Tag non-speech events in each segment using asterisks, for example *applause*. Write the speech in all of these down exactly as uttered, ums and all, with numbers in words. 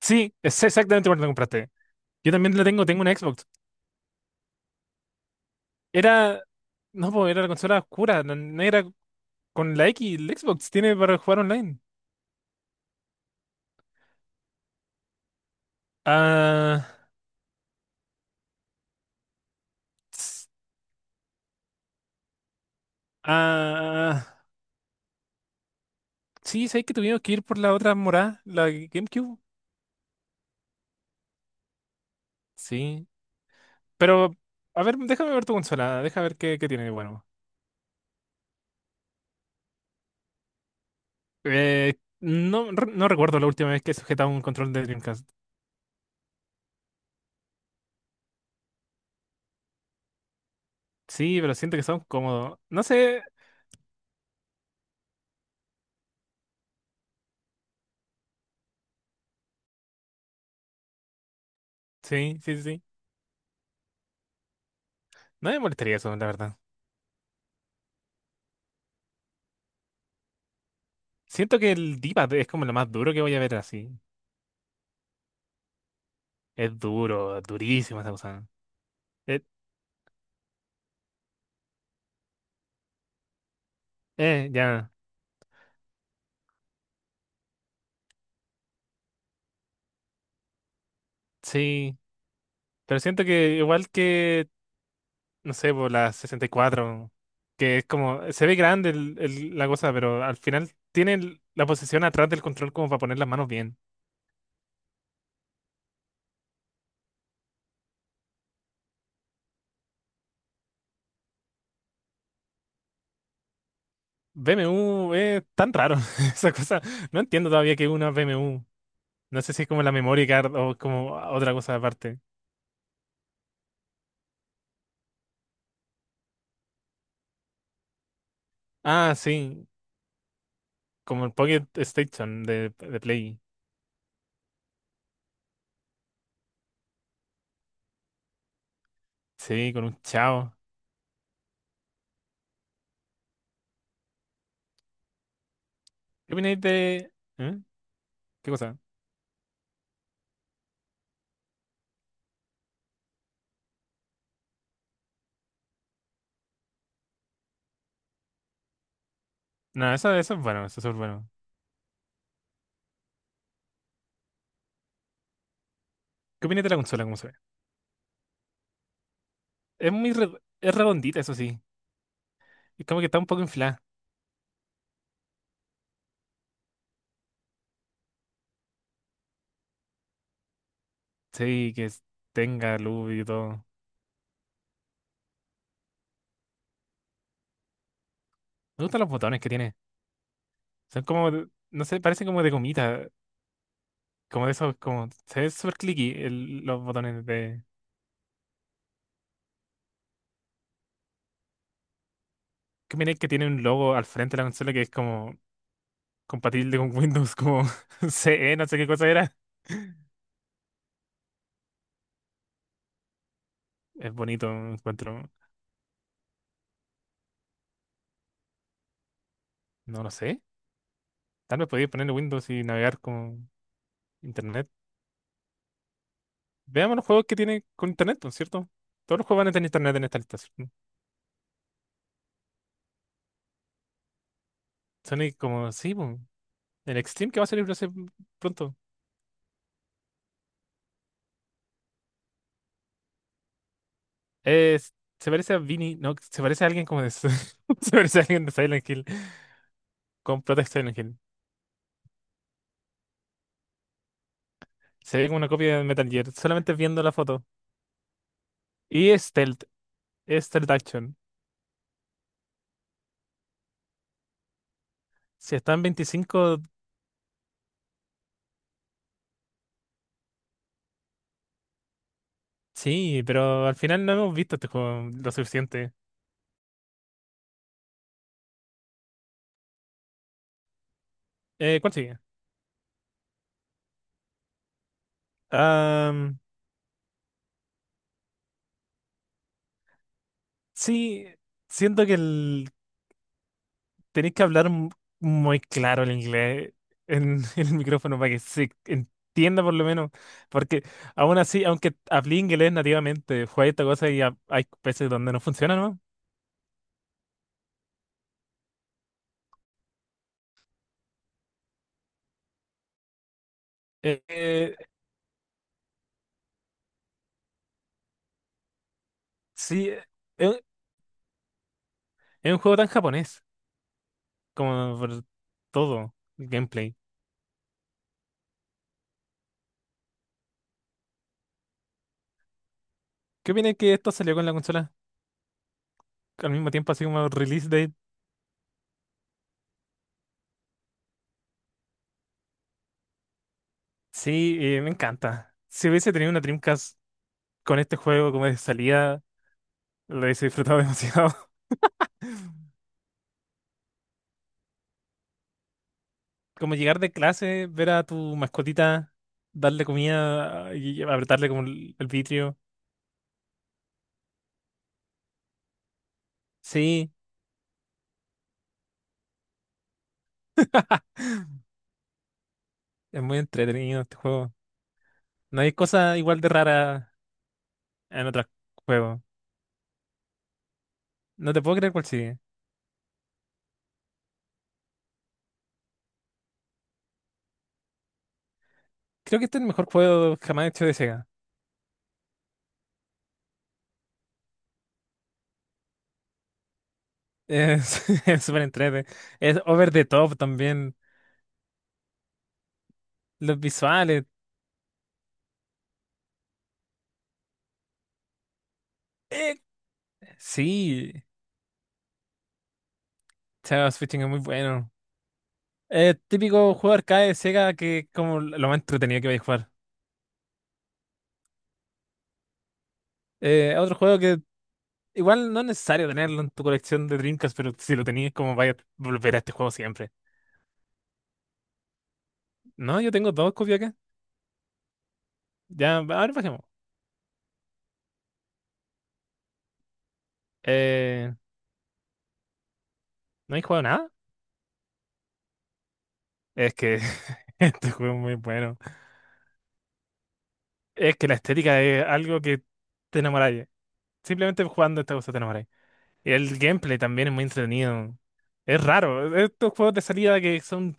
Sí, es exactamente cuando la compraste. Yo también la tengo, tengo una Xbox. Era, no, po, era la consola oscura, la negra con la X, el Xbox tiene para jugar online. Ah, s- ah, sí, sabes que tuvimos que ir por la otra morada, la GameCube. Sí, pero, a ver, déjame ver tu consola, déjame ver qué, qué tiene de bueno. Eh, no, re- no recuerdo la última vez que he sujetado un control de Dreamcast. Sí, pero siento que son cómodos. No sé, sí, sí, sí. No me molestaría eso, la verdad. Siento que el Dipa es como lo más duro que voy a ver así. Es duro, durísimo esa cosa. Eh, eh, ya, sí. Pero siento que igual que, No sé, por la sesenta y cuatro que es como, se ve grande el- el- la cosa, pero al final tiene el- la posición atrás del control como para poner las manos bien. B M U es tan raro, *laughs* esa cosa. No entiendo todavía que es una B M U. No sé si es como la memory card o como otra cosa aparte. Ah, sí, como el Pocket Station de de Play. Sí, con un chao. ¿Qué opináis de...? ¿Eh? ¿Qué cosa? No, eso, eso es bueno, eso es súper bueno. ¿Qué opináis de la consola, cómo se ve? Es muy re- es redondita, eso sí. Es como que está un poco inflada. Sí, que es- tenga luz y todo. Me gustan los botones que tiene. Son como, de- no sé, parecen como de gomita. Como de esos, como... Se ve súper clicky el- los botones de... ¿Qué opináis que tiene un logo al frente de la consola que es como compatible con Windows, como *laughs* C E, no sé qué cosa era? Es bonito, encuentro. No lo sé. Tal vez podéis ponerle Windows y navegar con internet. Veamos los juegos que tiene con internet, ¿no es cierto? Todos los juegos van a tener internet en esta lista, ¿cierto? Sonic como, sí, po. El Extreme que va a salir no sé, pronto. Es- se parece a Vinny, no, se parece a alguien como de... *laughs* Se parece a alguien de Silent Hill, con Protect Silent Hill. Se ve como una copia de Metal Gear, solamente viendo la foto. Y Stealth, Stealth Action. Si está en veinticinco, sí, pero al final no hemos visto este juego lo suficiente. Eh, ¿cuál sigue? Sí, siento que el, tenéis que hablar m- muy claro el inglés en, *laughs* en el micrófono para que se entienda por lo menos, porque aún así, aunque hablé inglés nativamente, fue esta cosa y ha- hay veces donde no funciona, ¿no? Eh, eh, sí, eh, es, es un juego tan japonés como por todo el gameplay. ¿Qué opinas que esto salió con la consola al mismo tiempo, así como release date? Sí, eh, me encanta. Si hubiese tenido una Dreamcast con este juego como de salida lo he disfrutado demasiado. *laughs* Como llegar de clase, ver a tu mascotita, darle comida ah, y apretarle como el el vitrio. Sí, es muy entretenido este juego. No hay cosa igual de rara en otros juegos. No te puedo creer cuál sigue. Creo que este es el mejor juego jamás hecho de Sega. Es *laughs* es súper entrete. Es over the top también. Los visuales. Eh, sí, Shadow Switching es muy bueno. Es típico juego arcade de Sega que es como lo más entretenido que vais a jugar. Eh, otro juego que igual no es necesario tenerlo en tu colección de Dreamcast, pero si lo tenías, como vaya a volver a este juego siempre. No, yo tengo dos copias acá. Ya, ahora bajemos. Eh, ¿no hay jugado nada? Es que *laughs* este juego es muy bueno. Es que la estética es algo que te enamoráis. Simplemente jugando esta cosa te enamoráis. Y el gameplay también es muy entretenido. Es raro. E, estos juegos de salida que son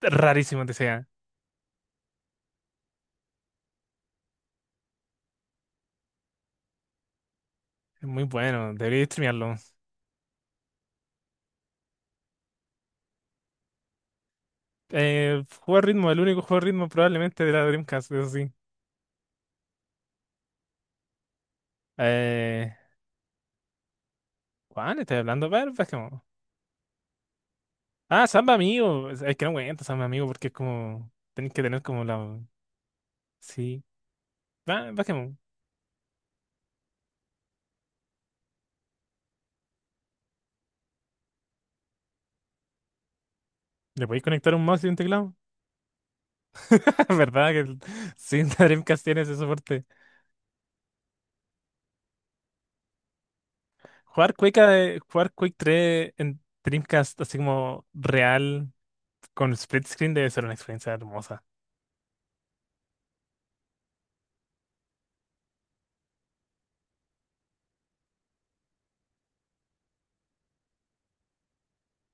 rarísimos de sea. Es muy bueno. Debería streamearlo. Eh, juego de ritmo, el único juego de ritmo probablemente de la Dreamcast, eso sí. Eh, ¿cuál? Estoy hablando, pero es como. Ah, Samba Amigo. Es es que no cuenta Samba Amigo porque es como. Tenés que tener como la. Sí. Ah, es como. ¿Le podéis conectar un mouse y un teclado? *laughs* ¿Verdad que el- sí, la Dreamcast tiene ese soporte? Jugar Quake, eh, jugar Quake tres en Dreamcast, así como real, con split screen, debe ser una experiencia hermosa.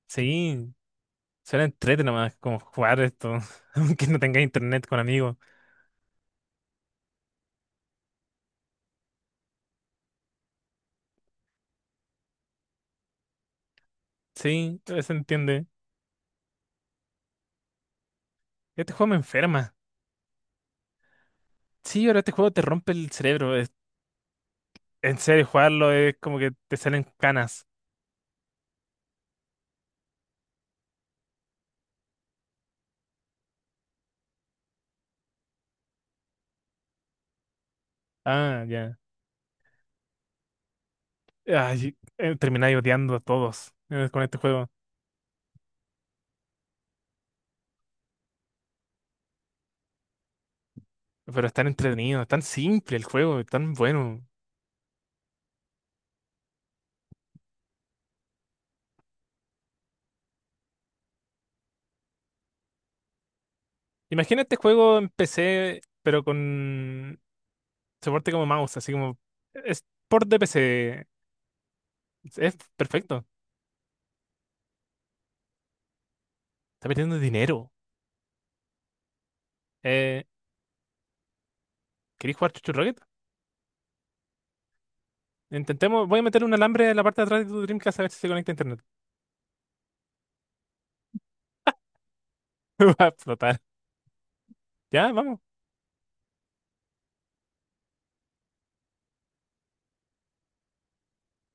Sí, suena entrete nomás, como jugar esto, *laughs* aunque no tenga internet con amigos. Sí, se entiende. Este juego me enferma. Sí, ahora este juego te rompe el cerebro. En serio, jugarlo es como que te salen canas. Ah, ya. Ay, eh, termináis odiando a todos eh, con este juego. Pero es tan entretenido, es tan simple el juego, es tan bueno. Imagina este juego en P C, pero con soporte como mouse, así como es port de P C. Es es perfecto. Está perdiendo dinero. Eh, ¿queréis jugar Chuchu Rocket? Intentemos, voy a meter un alambre en la parte de atrás de tu Dreamcast a ver si se conecta a internet. *laughs* Va a explotar. Ya, vamos.